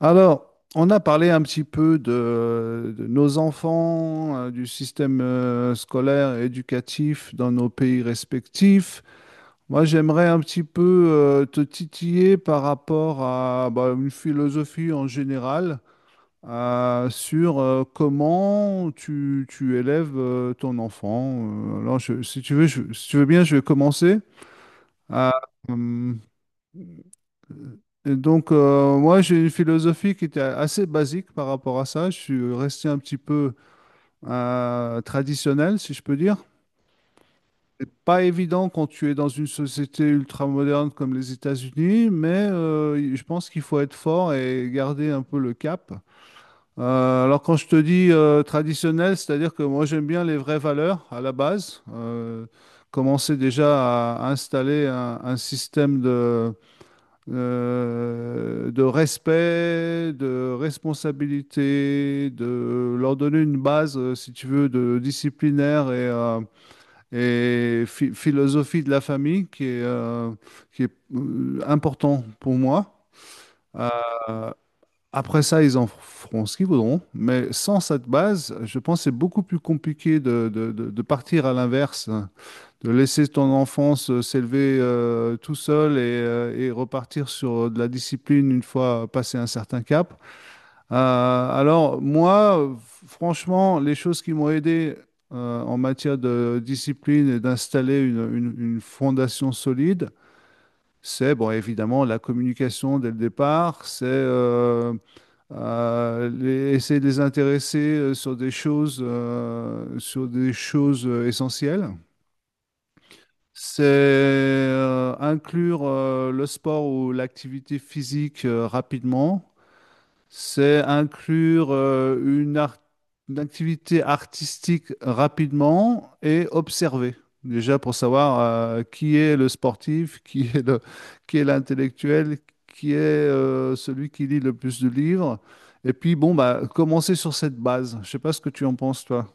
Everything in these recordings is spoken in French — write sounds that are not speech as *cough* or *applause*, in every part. Alors, on a parlé un petit peu de nos enfants, du système scolaire et éducatif dans nos pays respectifs. Moi, j'aimerais un petit peu te titiller par rapport à bah, une philosophie en général sur comment tu élèves ton enfant. Si tu veux, si tu veux bien, je vais commencer. Euh, hum, Et donc, moi, j'ai une philosophie qui était assez basique par rapport à ça. Je suis resté un petit peu traditionnel, si je peux dire. C'est pas évident quand tu es dans une société ultramoderne comme les États-Unis, mais je pense qu'il faut être fort et garder un peu le cap. Alors, quand je te dis traditionnel, c'est-à-dire que moi, j'aime bien les vraies valeurs à la base. Commencer déjà à installer un système de respect, de responsabilité, de leur donner une base, si tu veux, de disciplinaire et philosophie de la famille qui est, important pour moi. Euh, après ça, ils en feront ce qu'ils voudront, mais sans cette base, je pense que c'est beaucoup plus compliqué de partir à l'inverse de laisser ton enfance s'élever tout seul et repartir sur de la discipline une fois passé un certain cap. Alors moi, franchement, les choses qui m'ont aidé en matière de discipline et d'installer une fondation solide, c'est bon, évidemment la communication dès le départ, essayer de les intéresser sur des choses, essentielles. C'est inclure le sport ou l'activité physique rapidement. C'est inclure une activité artistique rapidement et observer. Déjà pour savoir qui est le sportif, *laughs* qui est l'intellectuel, qui est celui qui lit le plus de livres. Et puis bon, bah, commencer sur cette base. Je sais pas ce que tu en penses, toi.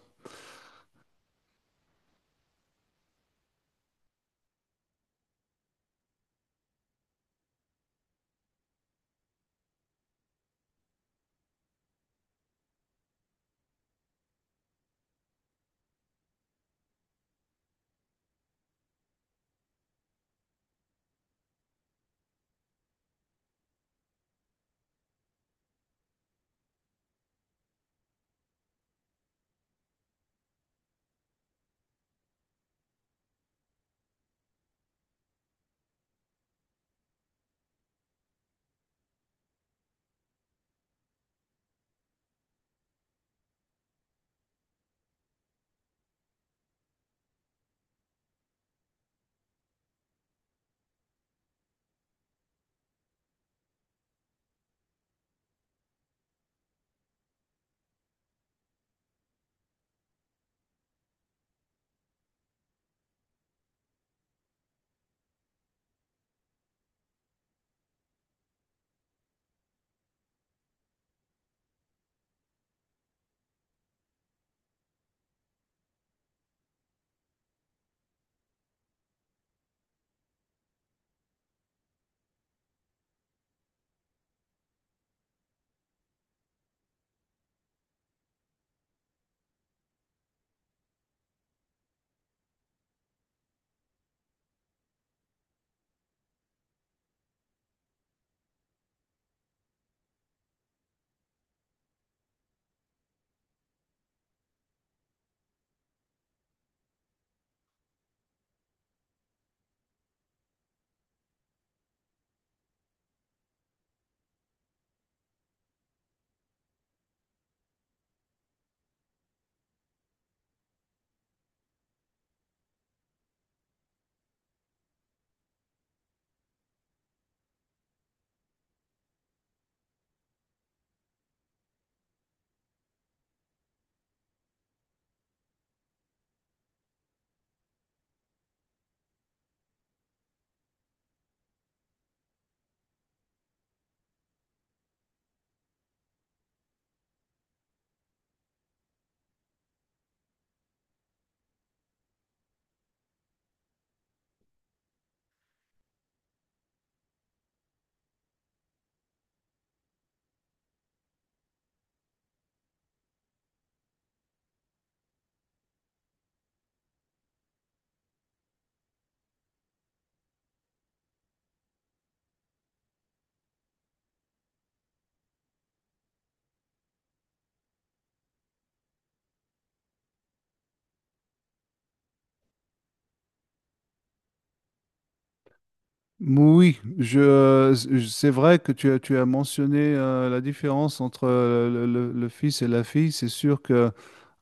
Oui, c'est vrai que tu as mentionné la différence entre le fils et la fille. C'est sûr que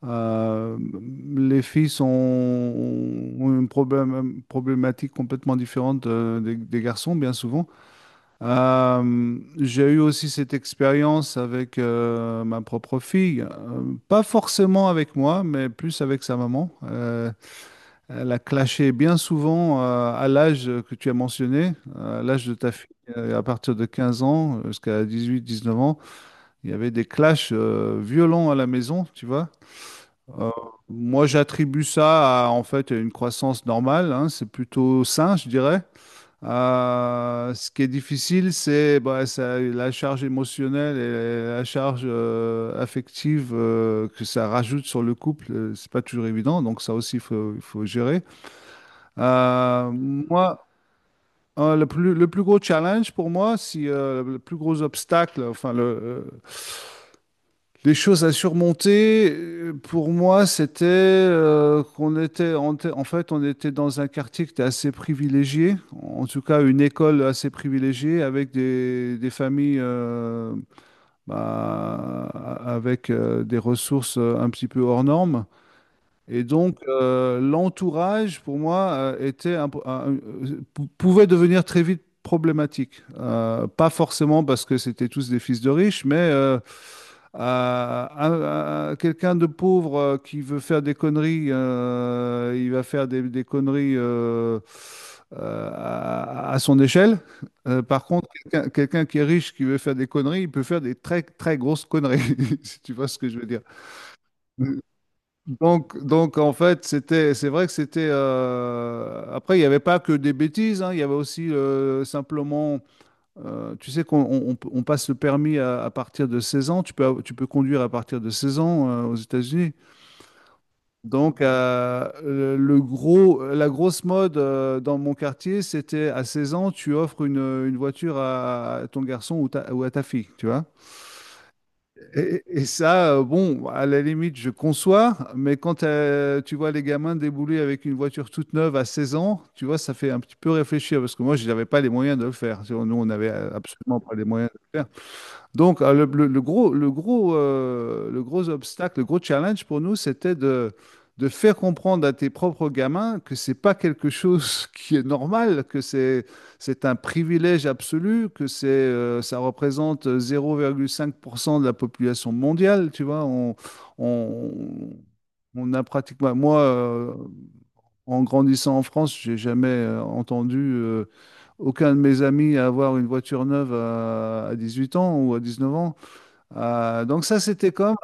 euh, ont une problème, problématique complètement différente euh, des garçons, bien souvent. J'ai eu aussi cette expérience avec ma propre fille. Pas forcément avec moi, mais plus avec sa maman. Elle a clashé bien souvent à l'âge que tu as mentionné, à l'âge de ta fille, à partir de 15 ans jusqu'à 18-19 ans. Il y avait des clashs violents à la maison, tu vois. Euh, moi, j'attribue ça à en fait une croissance normale, hein, c'est plutôt sain, je dirais. Ce qui est difficile, c'est bah, ça- la charge émotionnelle et la charge affective que ça rajoute sur le couple. Euh, c'est pas toujours évident, donc ça aussi, il faut gérer. Moi, le plus gros challenge pour moi, si le plus gros obstacle, enfin le, les choses à surmonter, pour moi, c'était qu'on était, on était- en fait, on était dans un quartier qui était assez privilégié, en tout cas une école assez privilégiée, avec des familles bah, avec des ressources un petit peu hors normes. Et donc, l'entourage, pour moi, était un- pou- pouvait devenir très vite problématique. Pas forcément parce que c'était tous des fils de riches, mais à quelqu'un de pauvre qui veut faire des conneries, il va faire des conneries à son échelle. Par contre, quelqu'un qui est riche, qui veut faire des conneries, il peut faire des très, très grosses conneries, *laughs* si tu vois ce que je veux dire. Donc en fait, c'était, c'est vrai que c'était. Euh, après, il n'y avait pas que des bêtises, hein, il y avait aussi simplement. Euh, tu sais qu'on on passe le permis à partir de 16 ans. Tu peux conduire à partir de 16 ans aux États-Unis. Donc, la grosse mode dans mon quartier, c'était à 16 ans, tu offres une voiture à ton garçon ou à ta fille, tu vois. Et ça, bon, à la limite, je conçois, mais quand tu vois les gamins débouler avec une voiture toute neuve à 16 ans, tu vois, ça fait un petit peu réfléchir, parce que moi, je n'avais pas les moyens de le faire. Tu vois, nous, on n'avait absolument pas les moyens de le faire. Donc, le gros obstacle, le gros challenge pour nous, c'était de faire comprendre à tes propres gamins que c'est pas quelque chose *laughs* qui est normal, que c'est un privilège absolu, que c'est, ça représente 0,5% de la population mondiale, tu vois. On, on a pratiquement, moi, en grandissant en France, j'ai jamais entendu aucun de mes amis avoir une voiture neuve à 18 ans ou à 19 ans. Donc ça, c'était comme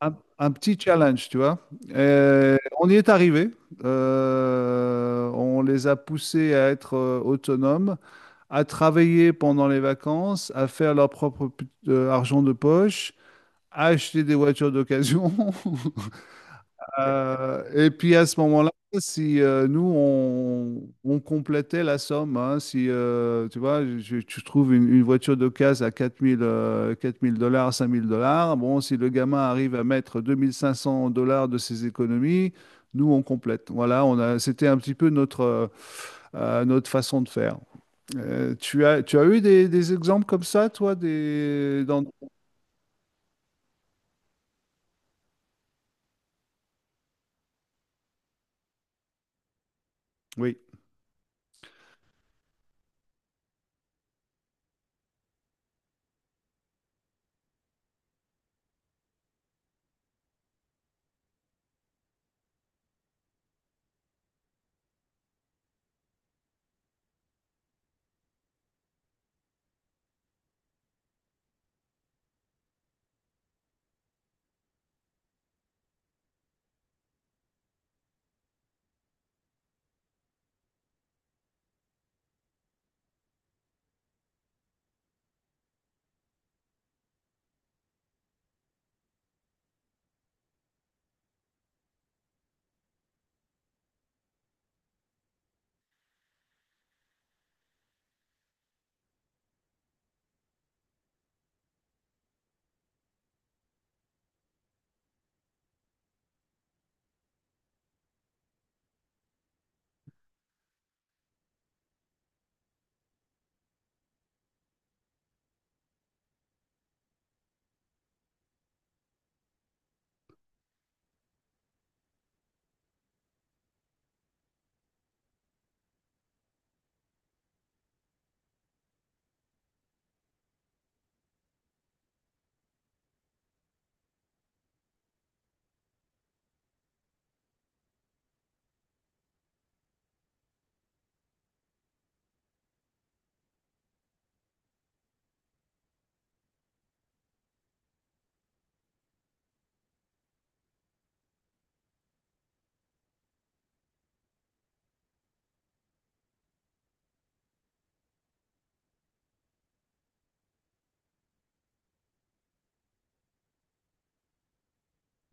un petit challenge, tu vois. Et on y est arrivé. On les a poussés à être autonomes, à travailler pendant les vacances, à faire leur propre argent de poche, à acheter des voitures d'occasion. *laughs* Et puis à ce moment-là, si nous, on complétait la somme, hein, si tu vois, je, tu trouves une voiture d'occasion à 4 000 dollars, 5 000 dollars, bon, si le gamin arrive à mettre 2 500 dollars de ses économies, nous, on complète. Voilà, c'était un petit peu notre, notre façon de faire. Tu as eu des exemples comme ça, toi, des, dans... Oui,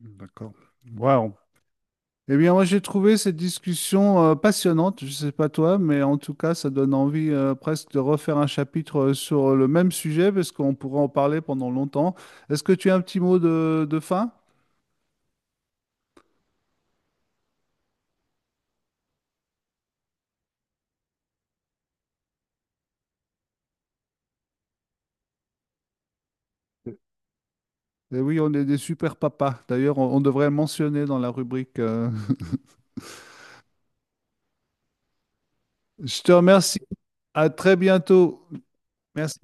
d'accord. Ouais, on Eh bien, moi, j'ai trouvé cette discussion passionnante. Je ne sais pas toi, mais en tout cas, ça donne envie presque de refaire un chapitre sur le même sujet parce qu'on pourrait en parler pendant longtemps. Est-ce que tu as un petit mot de fin? Eh oui, on est des super papas. D'ailleurs, on devrait le mentionner dans la rubrique. *laughs* Je te remercie. À très bientôt. Merci.